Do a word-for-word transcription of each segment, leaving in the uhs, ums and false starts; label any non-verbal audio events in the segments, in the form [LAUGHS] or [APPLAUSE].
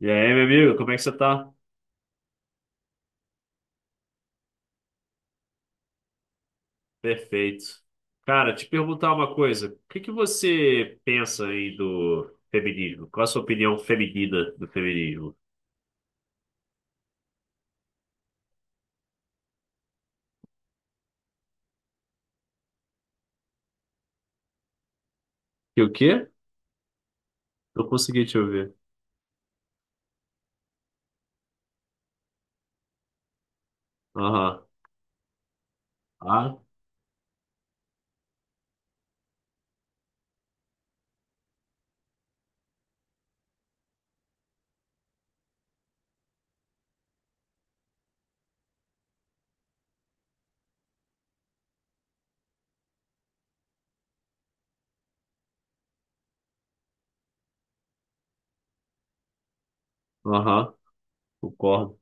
E aí, meu amigo, como é que você tá? Perfeito. Cara, te perguntar uma coisa. O que que você pensa aí do feminismo? Qual a sua opinião feminina do feminismo? Que o quê? Não consegui te ouvir. Aham. Ah, aham. Concordo.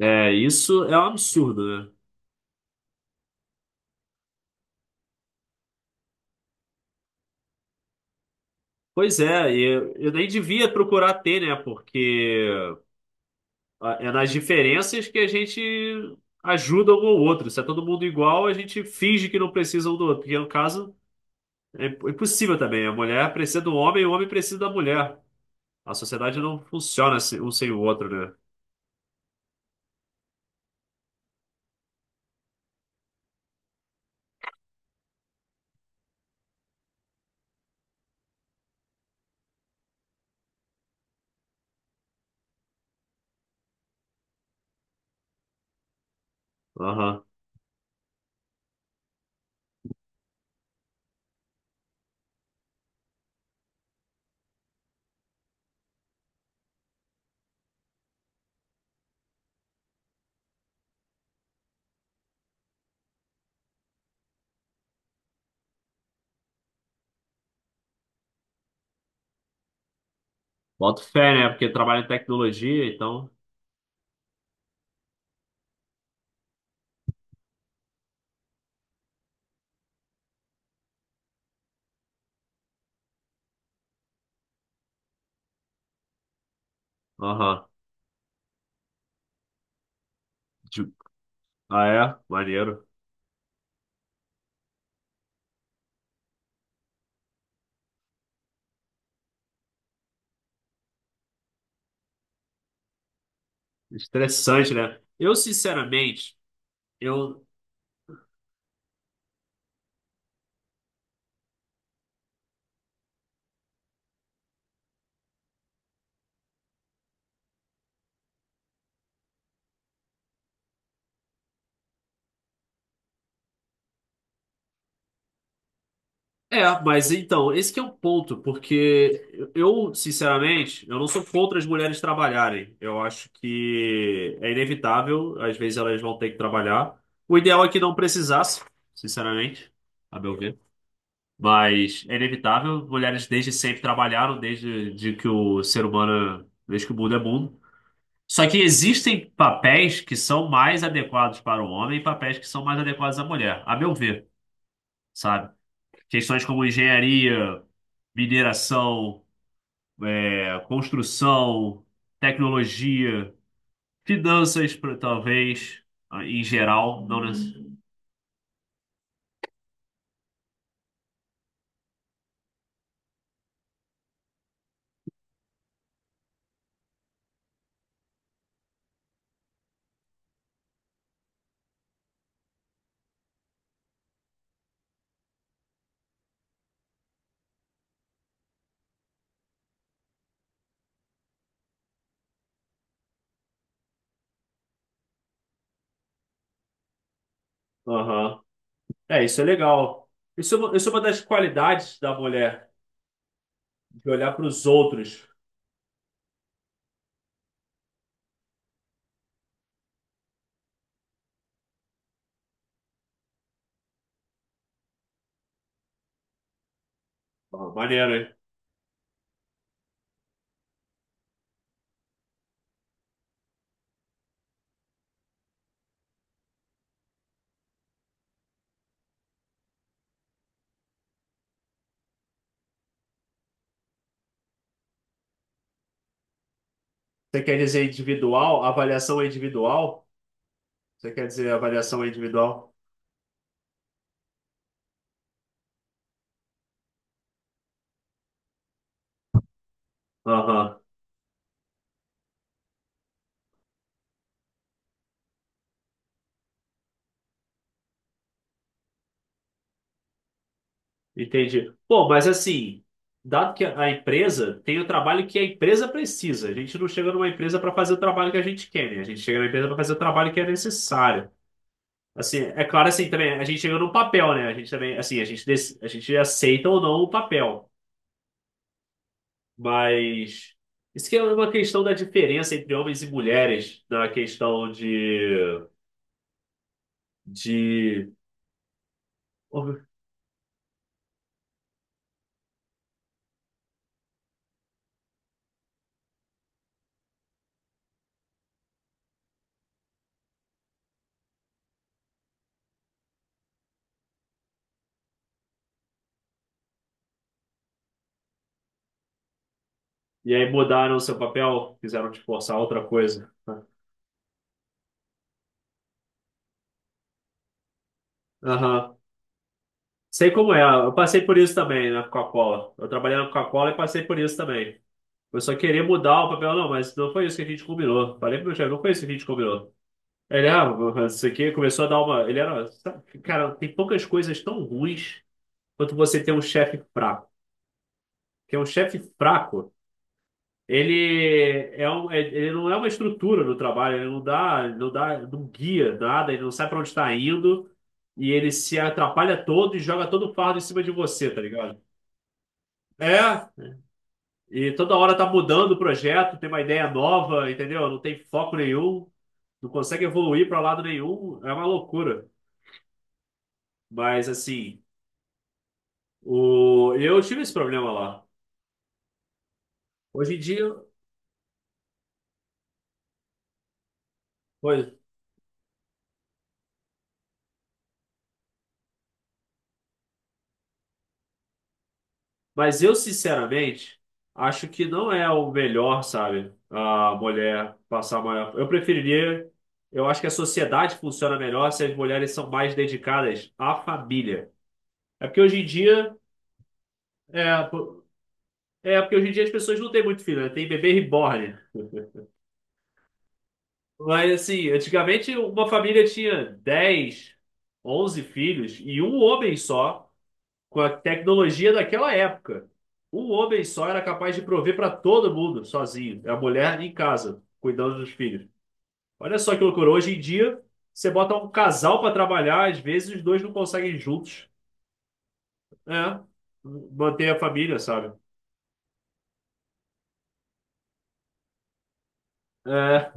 É, isso é um absurdo, né? Pois é, e eu, eu nem devia procurar ter, né? Porque a- é nas diferenças que a gente ajuda um ao outro. Se é todo mundo igual, a gente finge que não precisa um do outro. Porque, no caso, é impossível também. A mulher precisa do homem e o homem precisa da mulher. A sociedade não funciona se- um sem o outro, né? Aham. Boto fé, né? Porque trabalha em tecnologia, então. Aham. De- Ah, é? Maneiro. Estressante, né? Eu, sinceramente, eu. É, mas então, esse que é um ponto, porque eu, sinceramente, eu não sou contra as mulheres trabalharem. Eu acho que é inevitável, às vezes elas vão ter que trabalhar. O ideal é que não precisasse, sinceramente, a meu ver. Mas é inevitável, mulheres desde sempre trabalharam, desde de que o ser humano, desde que o mundo é mundo. Só que existem papéis que são mais adequados para o homem e papéis que são mais adequados à mulher, a meu ver, sabe? Questões como engenharia, mineração, é, construção, tecnologia, finanças, pro- talvez, em geral, não necessariamente. Aham. É, isso é legal. Isso é uma, isso é uma das qualidades da mulher, de olhar para os outros. Ó, maneiro, hein? Você quer dizer individual? Avaliação é individual? Você quer dizer avaliação é individual? Aham, entendi. Pô, mas assim, dado que a empresa tem o trabalho que a empresa precisa, a gente não chega numa empresa para fazer o trabalho que a gente quer, né? A gente chega na empresa para fazer o trabalho que é necessário. Assim, é claro assim também, a gente chega num papel, né? A gente também, assim, a gente, dec- a gente aceita ou não o papel, mas isso que é uma questão da diferença entre homens e mulheres na questão de de. E aí mudaram o seu papel, quiseram te forçar a outra coisa, né? Aham. Sei como é. Eu passei por isso também na Coca-Cola. Eu trabalhei na Coca-Cola e passei por isso também. Eu só queria mudar o papel, não, mas não foi isso que a gente combinou. Falei pro meu chefe, não foi isso que a gente combinou. Ele, ah, isso aqui começou a dar uma. Ele era, sabe, cara, tem poucas coisas tão ruins quanto você ter um chefe fraco. Porque um chefe fraco, ele, é um, é- ele não é uma estrutura no trabalho, ele não dá, não dá, não guia nada, ele não sabe para onde está indo e ele se atrapalha todo e joga todo o fardo em cima de você, tá ligado? É, e toda hora tá mudando o projeto, tem uma ideia nova, entendeu? Não tem foco nenhum, não consegue evoluir para lado nenhum, é uma loucura. Mas assim, o, eu tive esse problema lá. Hoje em dia, pois, mas eu, sinceramente, acho que não é o melhor, sabe? A mulher passar maior. Eu preferiria. Eu acho que a sociedade funciona melhor se as mulheres são mais dedicadas à família. É porque hoje em dia. É, po- É porque hoje em dia as pessoas não têm muito filho, né? Tem bebê reborn. Mas assim, antigamente uma família tinha dez, onze filhos e um homem só, com a tecnologia daquela época. Um homem só era capaz de prover para todo mundo, sozinho. É. A mulher em casa, cuidando dos filhos. Olha só que loucura. Hoje em dia, você bota um casal para trabalhar, às vezes os dois não conseguem juntos, né? Manter a família, sabe? É,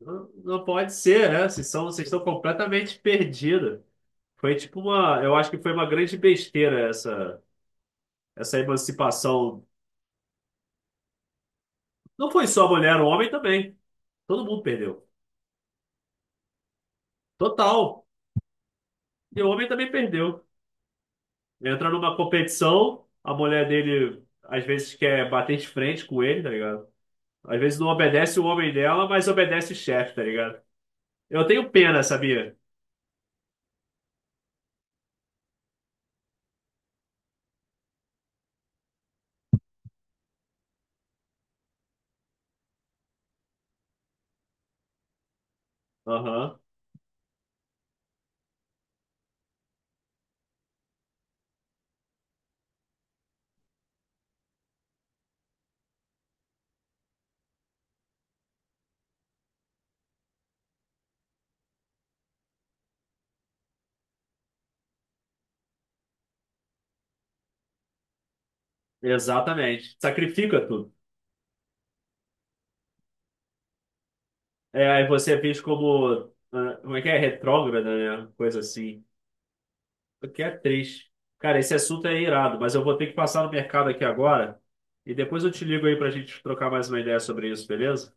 não não pode ser, né? Vocês são, vocês estão completamente perdidos. Foi tipo uma, eu acho que foi uma grande besteira essa, essa emancipação. Não foi só a mulher, o homem também. Todo mundo perdeu. Total. E o homem também perdeu. Entra numa competição, a mulher dele às vezes quer bater de frente com ele, tá ligado? Às vezes não obedece o homem dela, mas obedece o chefe, tá ligado? Eu tenho pena, sabia? Aham, exatamente. Sacrifica tudo. É, aí você é visto como, ah, como é que é? Retrógrada, né? Coisa assim. O que é triste. Cara, esse assunto é irado, mas eu vou ter que passar no mercado aqui agora. E depois eu te ligo aí pra gente trocar mais uma ideia sobre isso, beleza?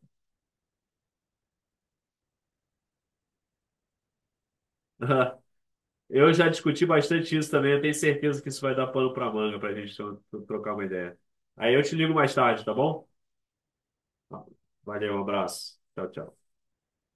[LAUGHS] Eu já discuti bastante isso também. Eu tenho certeza que isso vai dar pano para manga para a gente tro- trocar uma ideia. Aí eu te ligo mais tarde, tá bom? Valeu, um abraço. Tchau, tchau.